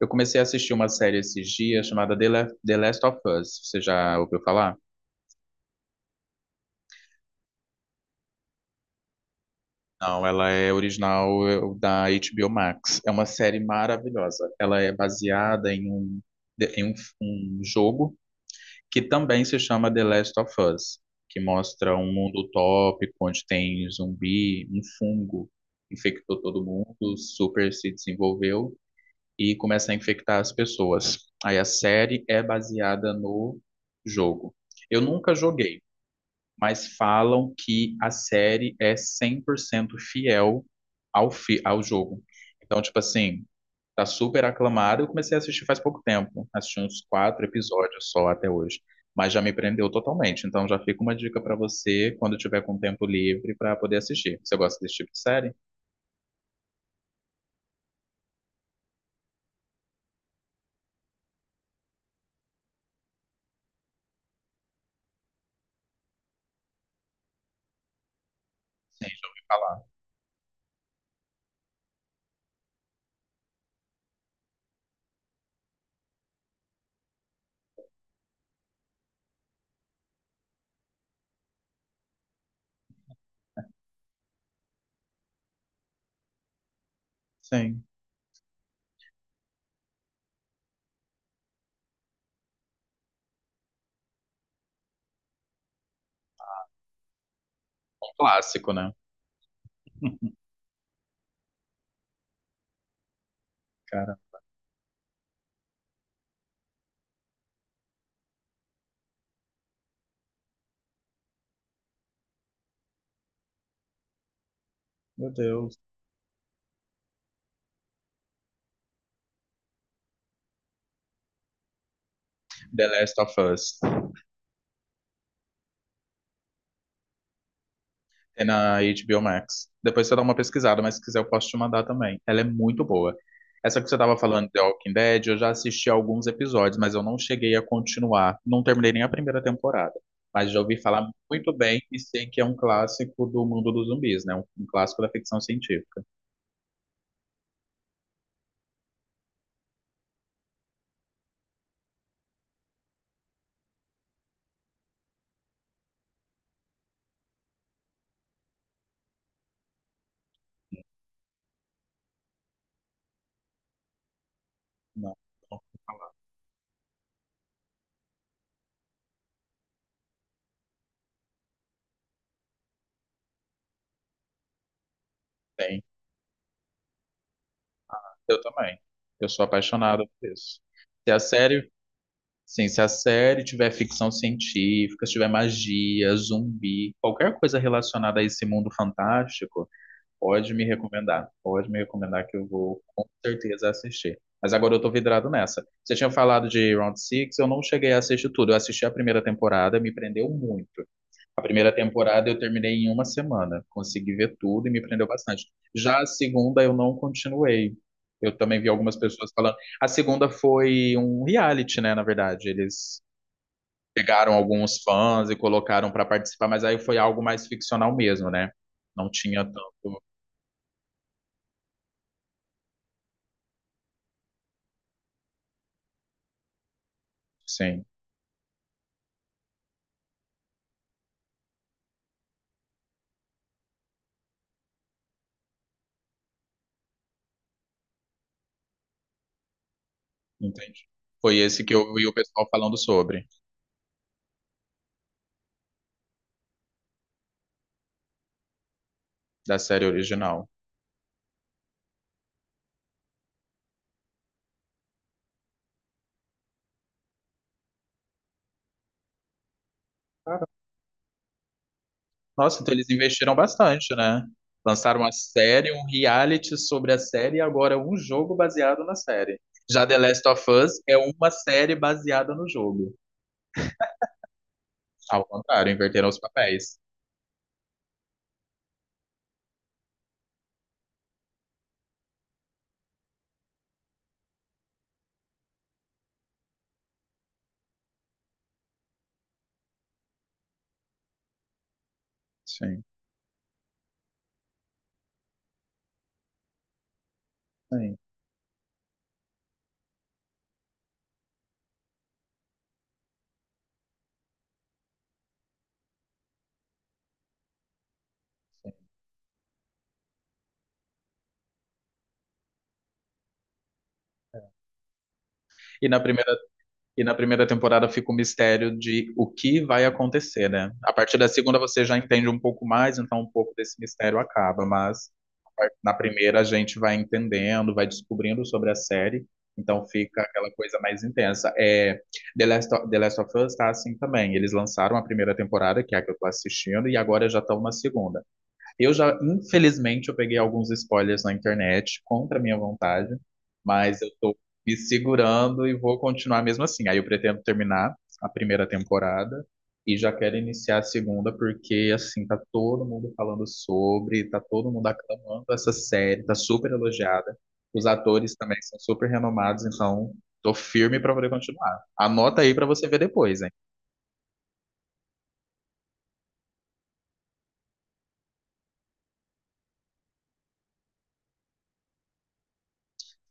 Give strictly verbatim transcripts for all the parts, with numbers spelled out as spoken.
Eu comecei a assistir uma série esses dias chamada The La- The Last of Us. Você já ouviu falar? Não, ela é original eu, da H B O Max. É uma série maravilhosa. Ela é baseada em um, de- em um, um jogo que também se chama The Last of Us, que mostra um mundo utópico onde tem zumbi, um fungo infectou todo mundo, super se desenvolveu e começa a infectar as pessoas. Aí a série é baseada no jogo. Eu nunca joguei, mas falam que a série é cem por cento fiel ao, fi ao jogo. Então, tipo assim, tá super aclamada. Eu comecei a assistir faz pouco tempo, assisti uns quatro episódios só até hoje, mas já me prendeu totalmente. Então, já fica uma dica pra você quando tiver com tempo livre pra poder assistir. Você gosta desse tipo de série? Sim. Sim. Um clássico, né? Cara, meu Deus. The Last of Us. É na H B O Max. Depois você dá uma pesquisada, mas se quiser eu posso te mandar também. Ela é muito boa. Essa que você estava falando, The Walking Dead, eu já assisti alguns episódios, mas eu não cheguei a continuar. Não terminei nem a primeira temporada. Mas já ouvi falar muito bem e sei que é um clássico do mundo dos zumbis, né? Um, um clássico da ficção científica. Não, não vou falar. Tem. Eu também. Eu sou apaixonado por isso. Se a série Sim, se a série tiver ficção científica, se tiver magia, zumbi, qualquer coisa relacionada a esse mundo fantástico, pode me recomendar. Pode me recomendar que eu vou com certeza assistir. Mas agora eu tô vidrado nessa. Você tinha falado de Round Six, eu não cheguei a assistir tudo. Eu assisti a primeira temporada, me prendeu muito. A primeira temporada eu terminei em uma semana, consegui ver tudo e me prendeu bastante. Já a segunda eu não continuei. Eu também vi algumas pessoas falando. A segunda foi um reality, né, na verdade. Eles pegaram alguns fãs e colocaram para participar, mas aí foi algo mais ficcional mesmo, né? Não tinha tanto, sim, entendi. Foi esse que eu vi o pessoal falando sobre, da série original. Nossa, então eles investiram bastante, né? Lançaram uma série, um reality sobre a série e agora um jogo baseado na série. Já The Last of Us é uma série baseada no jogo. Ao contrário, inverteram os papéis. Sim, sim, sim. E na primeira, e na primeira temporada fica o mistério de o que vai acontecer, né? A partir da segunda você já entende um pouco mais, então um pouco desse mistério acaba, mas na primeira a gente vai entendendo, vai descobrindo sobre a série, então fica aquela coisa mais intensa. É, The Last of, The Last of Us tá assim também. Eles lançaram a primeira temporada, que é a que eu estou assistindo, e agora já estão na segunda. Eu já, infelizmente, eu peguei alguns spoilers na internet contra a minha vontade, mas eu tô me segurando e vou continuar mesmo assim. Aí eu pretendo terminar a primeira temporada e já quero iniciar a segunda porque assim tá todo mundo falando sobre, tá todo mundo aclamando essa série, tá super elogiada. Os atores também são super renomados, então tô firme pra poder continuar. Anota aí pra você ver depois, hein?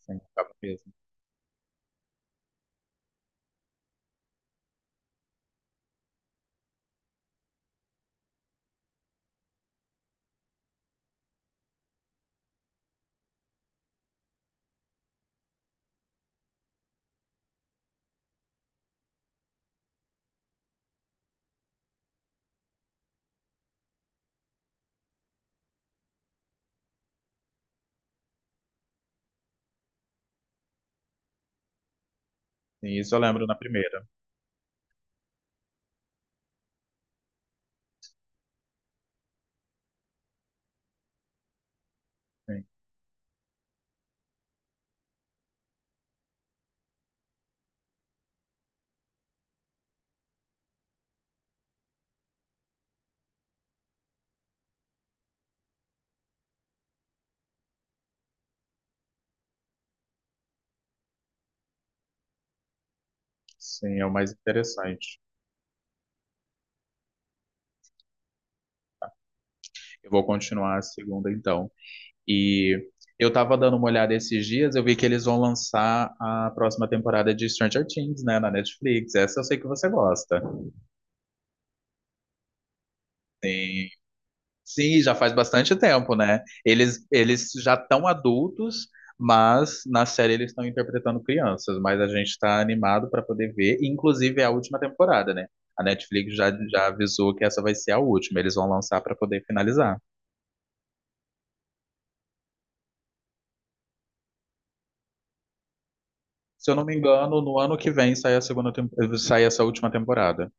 Sim, tá mesmo. Sim, isso eu lembro na primeira. Sim, sim, é o mais interessante. Eu vou continuar a segunda então. E eu tava dando uma olhada esses dias, eu vi que eles vão lançar a próxima temporada de Stranger Things, né, na Netflix. Essa eu sei que você gosta. Sim, sim, já faz bastante tempo, né? Eles, eles já estão adultos, mas na série eles estão interpretando crianças. Mas a gente tá animado para poder ver. Inclusive é a última temporada, né? A Netflix já, já avisou que essa vai ser a última. Eles vão lançar para poder finalizar. Se eu não me engano, no ano que vem sai a segunda, tem- sai essa última temporada.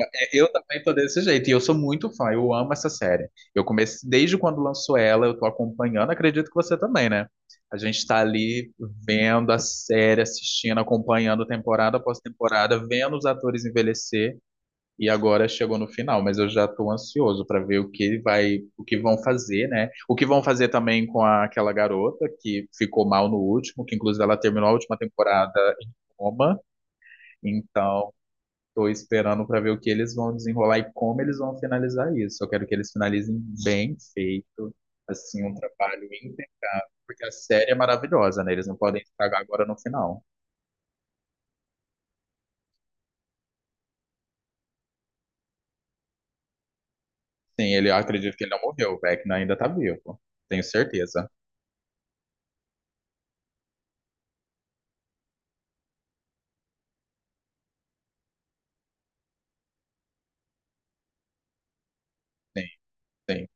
É, eu também tô desse jeito, e eu sou muito fã, eu amo essa série. Eu comecei desde quando lançou ela, eu tô acompanhando, acredito que você também, né? A gente tá ali vendo a série, assistindo, acompanhando temporada após temporada, vendo os atores envelhecer. E agora chegou no final, mas eu já estou ansioso para ver o que vai, o que vão fazer, né? O que vão fazer também com a- aquela garota que ficou mal no último, que inclusive ela terminou a última temporada em coma. Então, estou esperando para ver o que eles vão desenrolar e como eles vão finalizar isso. Eu quero que eles finalizem bem feito, assim, um trabalho íntegro, porque a série é maravilhosa, né? Eles não podem estragar agora no final. Sim, ele, eu acredito que ele não morreu, o Vecna ainda está vivo. Tenho certeza. Sim, sim.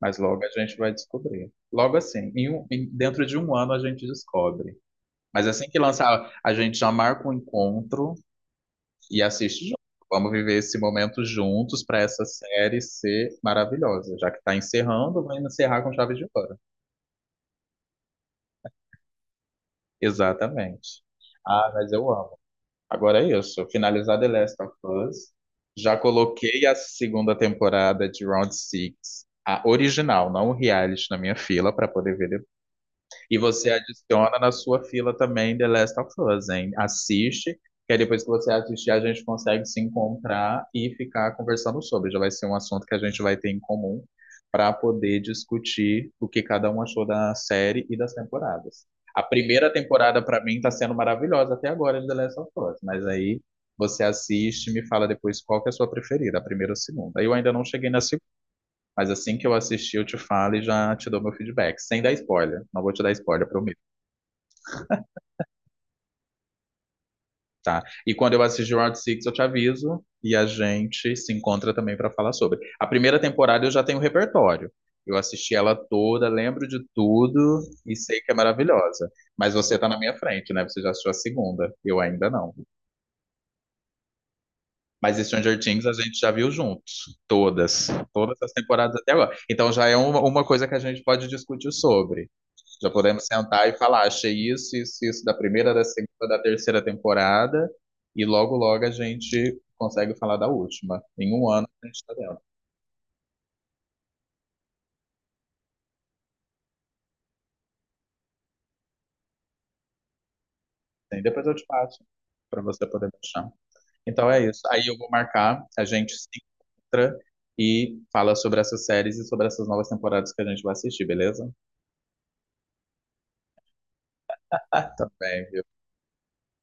Mas logo a gente vai descobrir. Logo assim, em um- em- dentro de um ano a gente descobre. Mas assim que lançar, a gente já marca um encontro e assiste junto. Vamos viver esse momento juntos para essa série ser maravilhosa. Já que está encerrando, vamos encerrar com chave de ouro. Exatamente. Ah, mas eu amo. Agora é isso. Finalizar The Last of Us. Já coloquei a segunda temporada de Round Six, a original, não o reality, na minha fila para poder ver. E você adiciona na sua fila também The Last of Us, hein? Assiste, que aí depois que você assistir, a gente consegue se encontrar e ficar conversando sobre. Já vai ser um assunto que a gente vai ter em comum para poder discutir o que cada um achou da série e das temporadas. A primeira temporada, para mim, está sendo maravilhosa até agora de The Last of Us, mas aí você assiste e me fala depois qual que é a sua preferida, a primeira ou a segunda. Eu ainda não cheguei na segunda. Mas assim que eu assistir, eu te falo e já te dou meu feedback. Sem dar spoiler. Não vou te dar spoiler, prometo, tá? E quando eu assistir o Round Six eu te aviso e a gente se encontra também para falar sobre. A primeira temporada eu já tenho repertório. Eu assisti ela toda, lembro de tudo e sei que é maravilhosa. Mas você tá na minha frente, né? Você já assistiu a segunda. Eu ainda não. Mas Stranger Things a gente já viu juntos. Todas. Todas as temporadas até agora. Então já é uma, uma coisa que a gente pode discutir sobre. Já podemos sentar e falar, achei isso, isso, isso da primeira, da segunda, da terceira temporada, e logo, logo a gente consegue falar da última. Em um ano a gente está dentro. E depois eu te passo para você poder deixar. Então é isso. Aí eu vou marcar, a gente se encontra e fala sobre essas séries e sobre essas novas temporadas que a gente vai assistir, beleza? Tá bem.